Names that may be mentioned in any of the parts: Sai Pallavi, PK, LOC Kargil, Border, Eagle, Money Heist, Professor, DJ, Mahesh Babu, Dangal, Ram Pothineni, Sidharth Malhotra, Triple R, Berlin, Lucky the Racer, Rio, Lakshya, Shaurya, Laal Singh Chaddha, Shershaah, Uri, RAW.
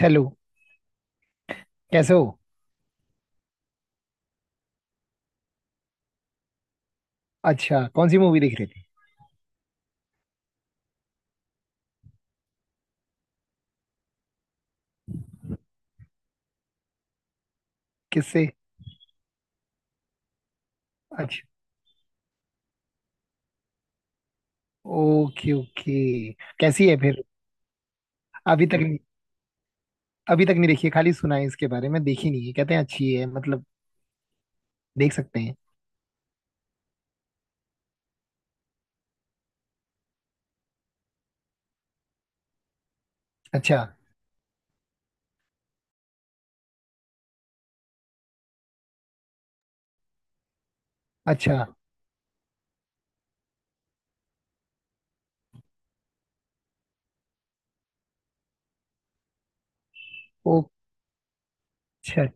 Hello. कैसे हो? अच्छा, कौन सी मूवी देख रहे थे? किससे? अच्छा। Okay okay. कैसी है फिर? अभी तक नहीं। अभी तक नहीं देखी है, खाली सुना है इसके बारे में, देखी नहीं है। कहते हैं अच्छी है, मतलब देख सकते हैं। अच्छा। अच्छा। ओ। अच्छा।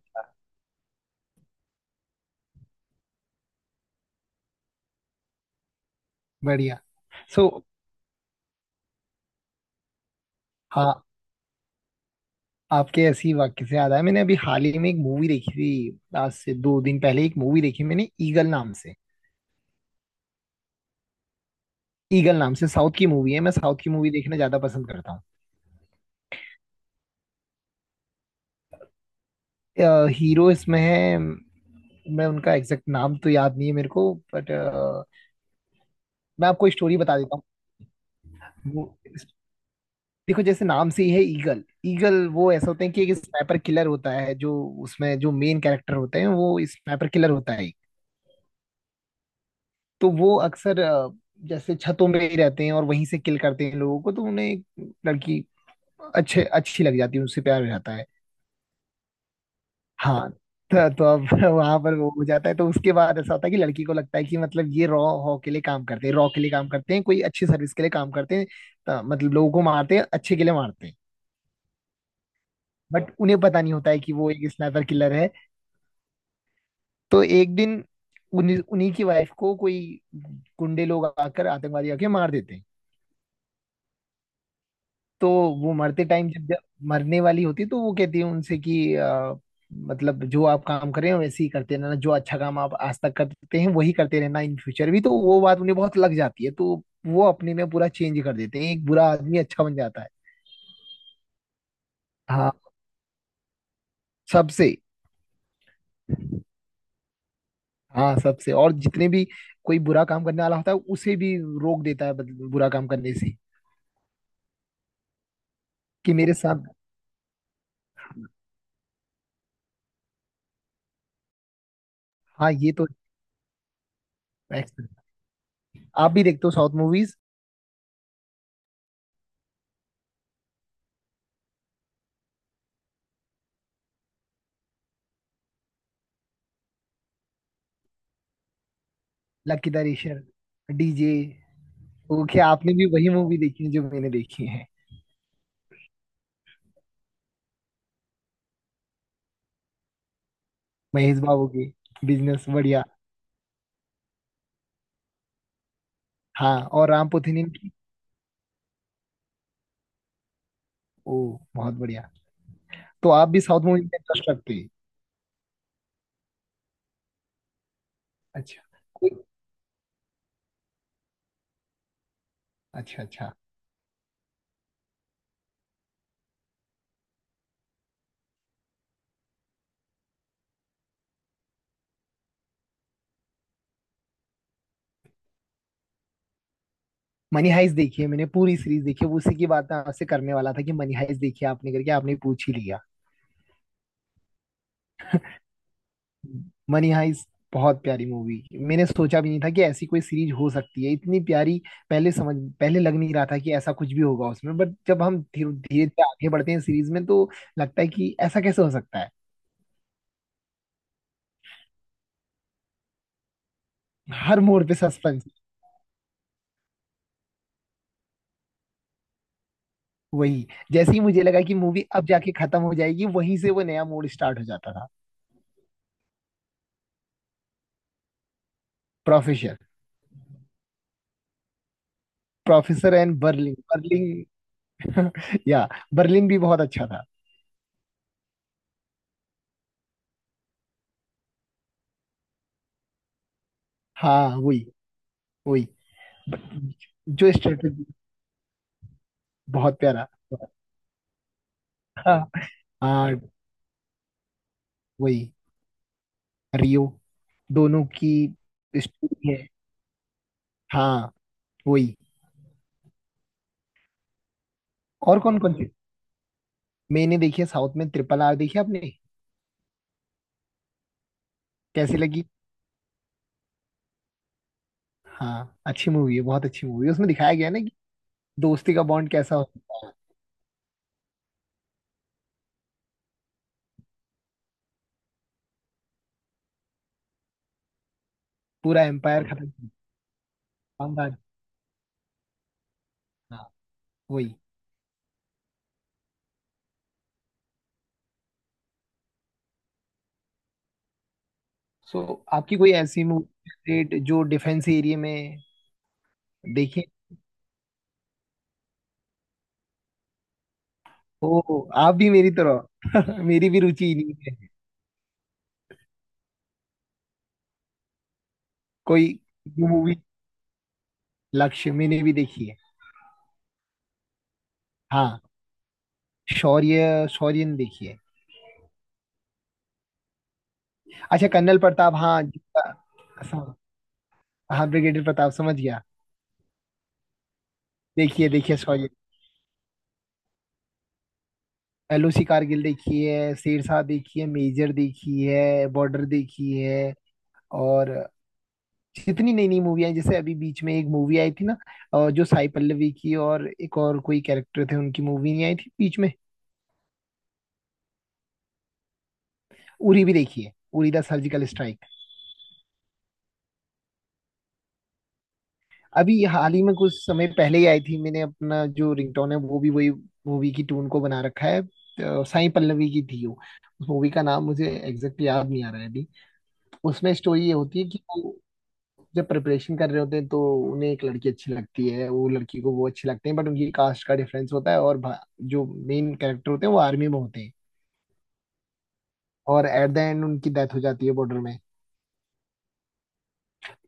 बढ़िया। सो। हाँ। आपके ऐसी वाक्य से याद आया, मैंने अभी हाल ही में एक मूवी देखी थी। आज से दो दिन पहले एक मूवी देखी मैंने, ईगल नाम से। ईगल नाम से, साउथ की मूवी है। मैं साउथ की मूवी देखना ज्यादा पसंद करता हूँ। हीरो इसमें है, मैं उनका एग्जैक्ट नाम तो याद नहीं है मेरे को, बट मैं आपको स्टोरी बता देता हूँ। वो देखो, जैसे नाम से ही है ईगल। ईगल वो ऐसा होते हैं कि एक स्नाइपर किलर होता है जो उसमें, जो मेन कैरेक्टर होते हैं वो स्नाइपर किलर होता है। तो वो अक्सर जैसे छतों में ही रहते हैं और वहीं से किल करते हैं लोगों को। तो उन्हें एक लड़की अच्छे अच्छी लग जाती है, उनसे प्यार हो जाता है। हाँ, तो अब वहां पर वो हो जाता है। तो उसके बाद ऐसा होता है कि लड़की को लगता है कि मतलब ये रॉ हॉ के लिए काम करते हैं, रॉ के लिए काम करते हैं, कोई अच्छी सर्विस के लिए काम करते हैं, तो मतलब लोगों को मारते हैं, अच्छे के लिए मारते हैं। बट उन्हें पता नहीं होता है कि वो एक स्नाइपर किलर है। तो एक दिन उन्हीं उन्हीं की वाइफ को कोई गुंडे लोग आकर, आतंकवादी आके मार देते हैं। तो वो मरते टाइम, जब जब मरने वाली होती तो वो कहती है उनसे कि मतलब जो आप काम कर रहे हैं वैसे ही करते रहना, जो अच्छा काम आप आज तक करते हैं वही करते रहना इन फ्यूचर भी। तो वो बात उन्हें बहुत लग जाती है, तो वो अपने में पूरा चेंज कर देते हैं, एक बुरा आदमी अच्छा बन जाता है। हाँ सबसे हाँ सबसे और जितने भी कोई बुरा काम करने वाला होता है उसे भी रोक देता है बुरा काम करने से। कि मेरे साथ। हाँ ये तो। एक्सपेक्ट- आप भी देखते हो south movies? Lucky the Racer, DJ. Okay, आपने भी वही मूवी देखी है जो मैंने देखी है। महेश बाबू की बिजनेस, बढ़िया। हाँ, और राम पोथीनियम की। ओ, बहुत बढ़िया। तो आप भी साउथ मूवी में इंटरेस्ट रखते हैं? अच्छा। कोई? अच्छा अच्छा। मनी हाइस्ट देखी है मैंने, पूरी सीरीज देखी है। उसी की बात मैं आपसे करने वाला था कि मनी हाइस्ट देखी है आपने करके, आपने पूछ ही लिया। मनी हाइस्ट बहुत प्यारी मूवी। मैंने सोचा भी नहीं था कि ऐसी कोई सीरीज हो सकती है इतनी प्यारी। पहले समझ, पहले लग नहीं रहा था कि ऐसा कुछ भी होगा उसमें। बट जब हम धीरे धीरे धीरे आगे बढ़ते हैं सीरीज में, तो लगता है कि ऐसा कैसे हो सकता है। हर मोड़ पे सस्पेंस। वही। जैसे ही मुझे लगा कि मूवी अब जाके खत्म हो जाएगी, वहीं से वो नया मोड़ स्टार्ट हो जाता था। Professor. Professor and Berlin. Berlin या बर्लिन भी बहुत अच्छा था। हाँ वही। वही। जो स्ट्रेटेजी। बहुत प्यारा। हाँ। हाँ वही। रियो। दोनों की स्टोरी है। हाँ वही। और कौन कौन सी, मैंने देखी है साउथ में? ट्रिपल आर देखी है आपने? कैसी लगी? हाँ, अच्छी मूवी है, बहुत अच्छी मूवी है। उसमें दिखाया गया है ना कि दोस्ती का बॉन्ड कैसा होता है। पूरा एम्पायर खत्म, खानदान। हाँ वही। सो, आपकी कोई ऐसी मूवी जो डिफेंस एरिया में? देखे। ओ, आप भी मेरी तरह मेरी भी रुचि इन्हीं में है। कोई मूवी? लक्ष्य मैंने भी देखी है। हाँ, शौर्य शौर्य ने देखी है। अच्छा, कर्नल प्रताप, हाँ, हाँ ब्रिगेडियर प्रताप समझ गया। देखिए देखिए सॉरी। एलओसी कारगिल देखी है, शेरशाह देखी है, मेजर देखी है, बॉर्डर देखी है। और जितनी नई नई मूवी आई, जैसे अभी बीच में एक मूवी आई थी ना, जो साई पल्लवी की और एक और कोई कैरेक्टर थे, उनकी मूवी नहीं आई थी बीच में? उरी भी देखी है, उरी द सर्जिकल स्ट्राइक। अभी हाल ही में, कुछ समय पहले ही आई थी। मैंने अपना जो रिंगटोन है, वो भी वही मूवी की टून को बना रखा है। तो साई पल्लवी की थी वो। उस मूवी का नाम मुझे एग्जैक्ट याद नहीं आ रहा है अभी। उसमें स्टोरी ये होती है कि वो जब प्रिपरेशन कर रहे होते हैं तो उन्हें एक लड़की अच्छी लगती है, वो लड़की को वो अच्छी लगते हैं, बट उनकी कास्ट का डिफरेंस होता है। और जो मेन कैरेक्टर होते हैं वो आर्मी में होते हैं। और एट द एंड उनकी डेथ हो जाती है बॉर्डर में।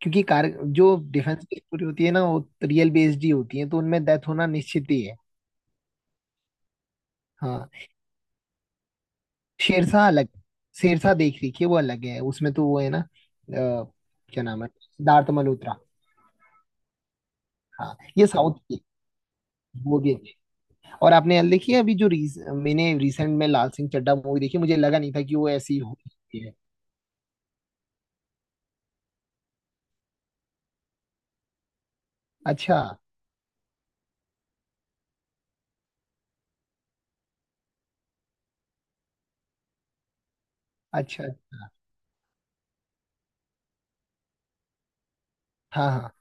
क्योंकि कार जो डिफेंस की स्टोरी होती है ना, वो रियल बेस्ड ही होती है, तो उनमें डेथ होना निश्चित ही है। हाँ। शेरशाह अलग। शेरशाह देख रही है वो अलग है। उसमें तो वो है ना, क्या नाम है, सिद्धार्थ मल्होत्रा। हाँ ये साउथ की है, वो भी अच्छी है। और आपने यार देखी है अभी जो मैंने रिसेंट में लाल सिंह चड्ढा मूवी देखी, मुझे लगा नहीं था कि वो ऐसी हो सकती है। अच्छा। अच्छा। हाँ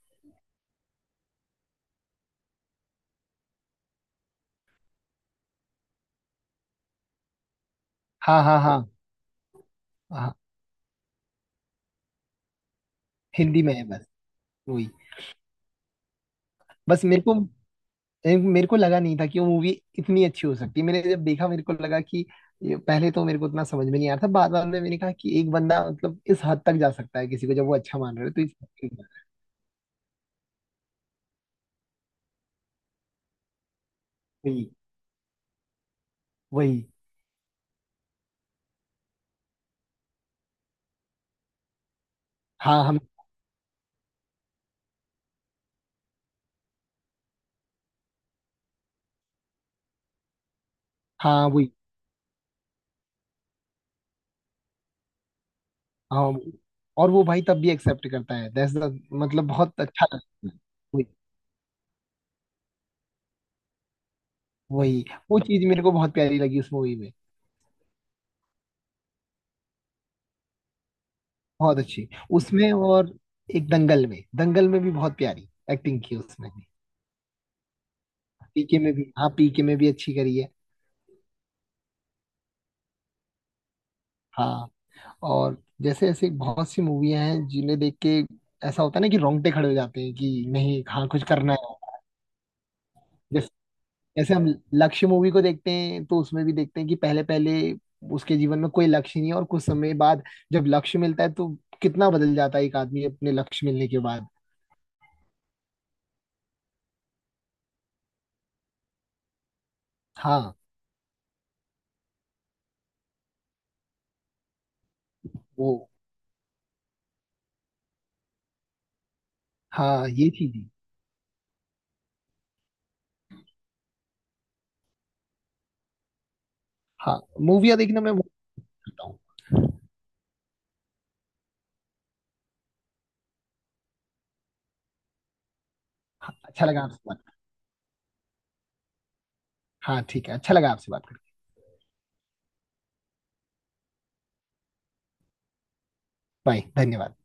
हाँ हाँ हाँ। हाँ। हाँ, हिंदी में है बस। वही। बस मेरे को, मेरे को लगा नहीं था कि वो मूवी इतनी अच्छी हो सकती है। मैंने जब देखा, मेरे को लगा कि पहले तो मेरे को उतना समझ में नहीं आ रहा था, बाद बाद में मैंने कहा कि एक बंदा मतलब इस हद तक जा सकता है, किसी को जब वो अच्छा मान रहे हो तो इस हद तक जा-। वही। वही। हाँ हम। हाँ वही। हाँ वही। और वो भाई तब भी एक्सेप्ट करता है, दैट्स द, मतलब बहुत अच्छा लगता है। वही। वही। वो चीज मेरे को बहुत प्यारी लगी उस मूवी में। बहुत अच्छी उसमें। और एक दंगल में भी बहुत प्यारी एक्टिंग की उसने। पीके में भी, हाँ पीके में भी अच्छी करी है। हाँ। और जैसे ऐसे बहुत सी मूवियां हैं जिन्हें देख के ऐसा होता है ना कि रोंगटे खड़े हो जाते हैं कि नहीं, हाँ कुछ करना है। जैसे, जैसे हम लक्ष्य मूवी को देखते हैं, तो उसमें भी देखते हैं कि पहले पहले उसके जीवन में कोई लक्ष्य नहीं है, और कुछ समय बाद जब लक्ष्य मिलता है तो कितना बदल जाता है एक आदमी अपने लक्ष्य मिलने के बाद। हाँ वो। हाँ ये चीज है। हाँ, मूवियाँ देखना मैं वो करता हूँ। हाँ, अच्छा लगा आपसे बात। हाँ ठीक है, अच्छा लगा आपसे बात करके। बाय, धन्यवाद।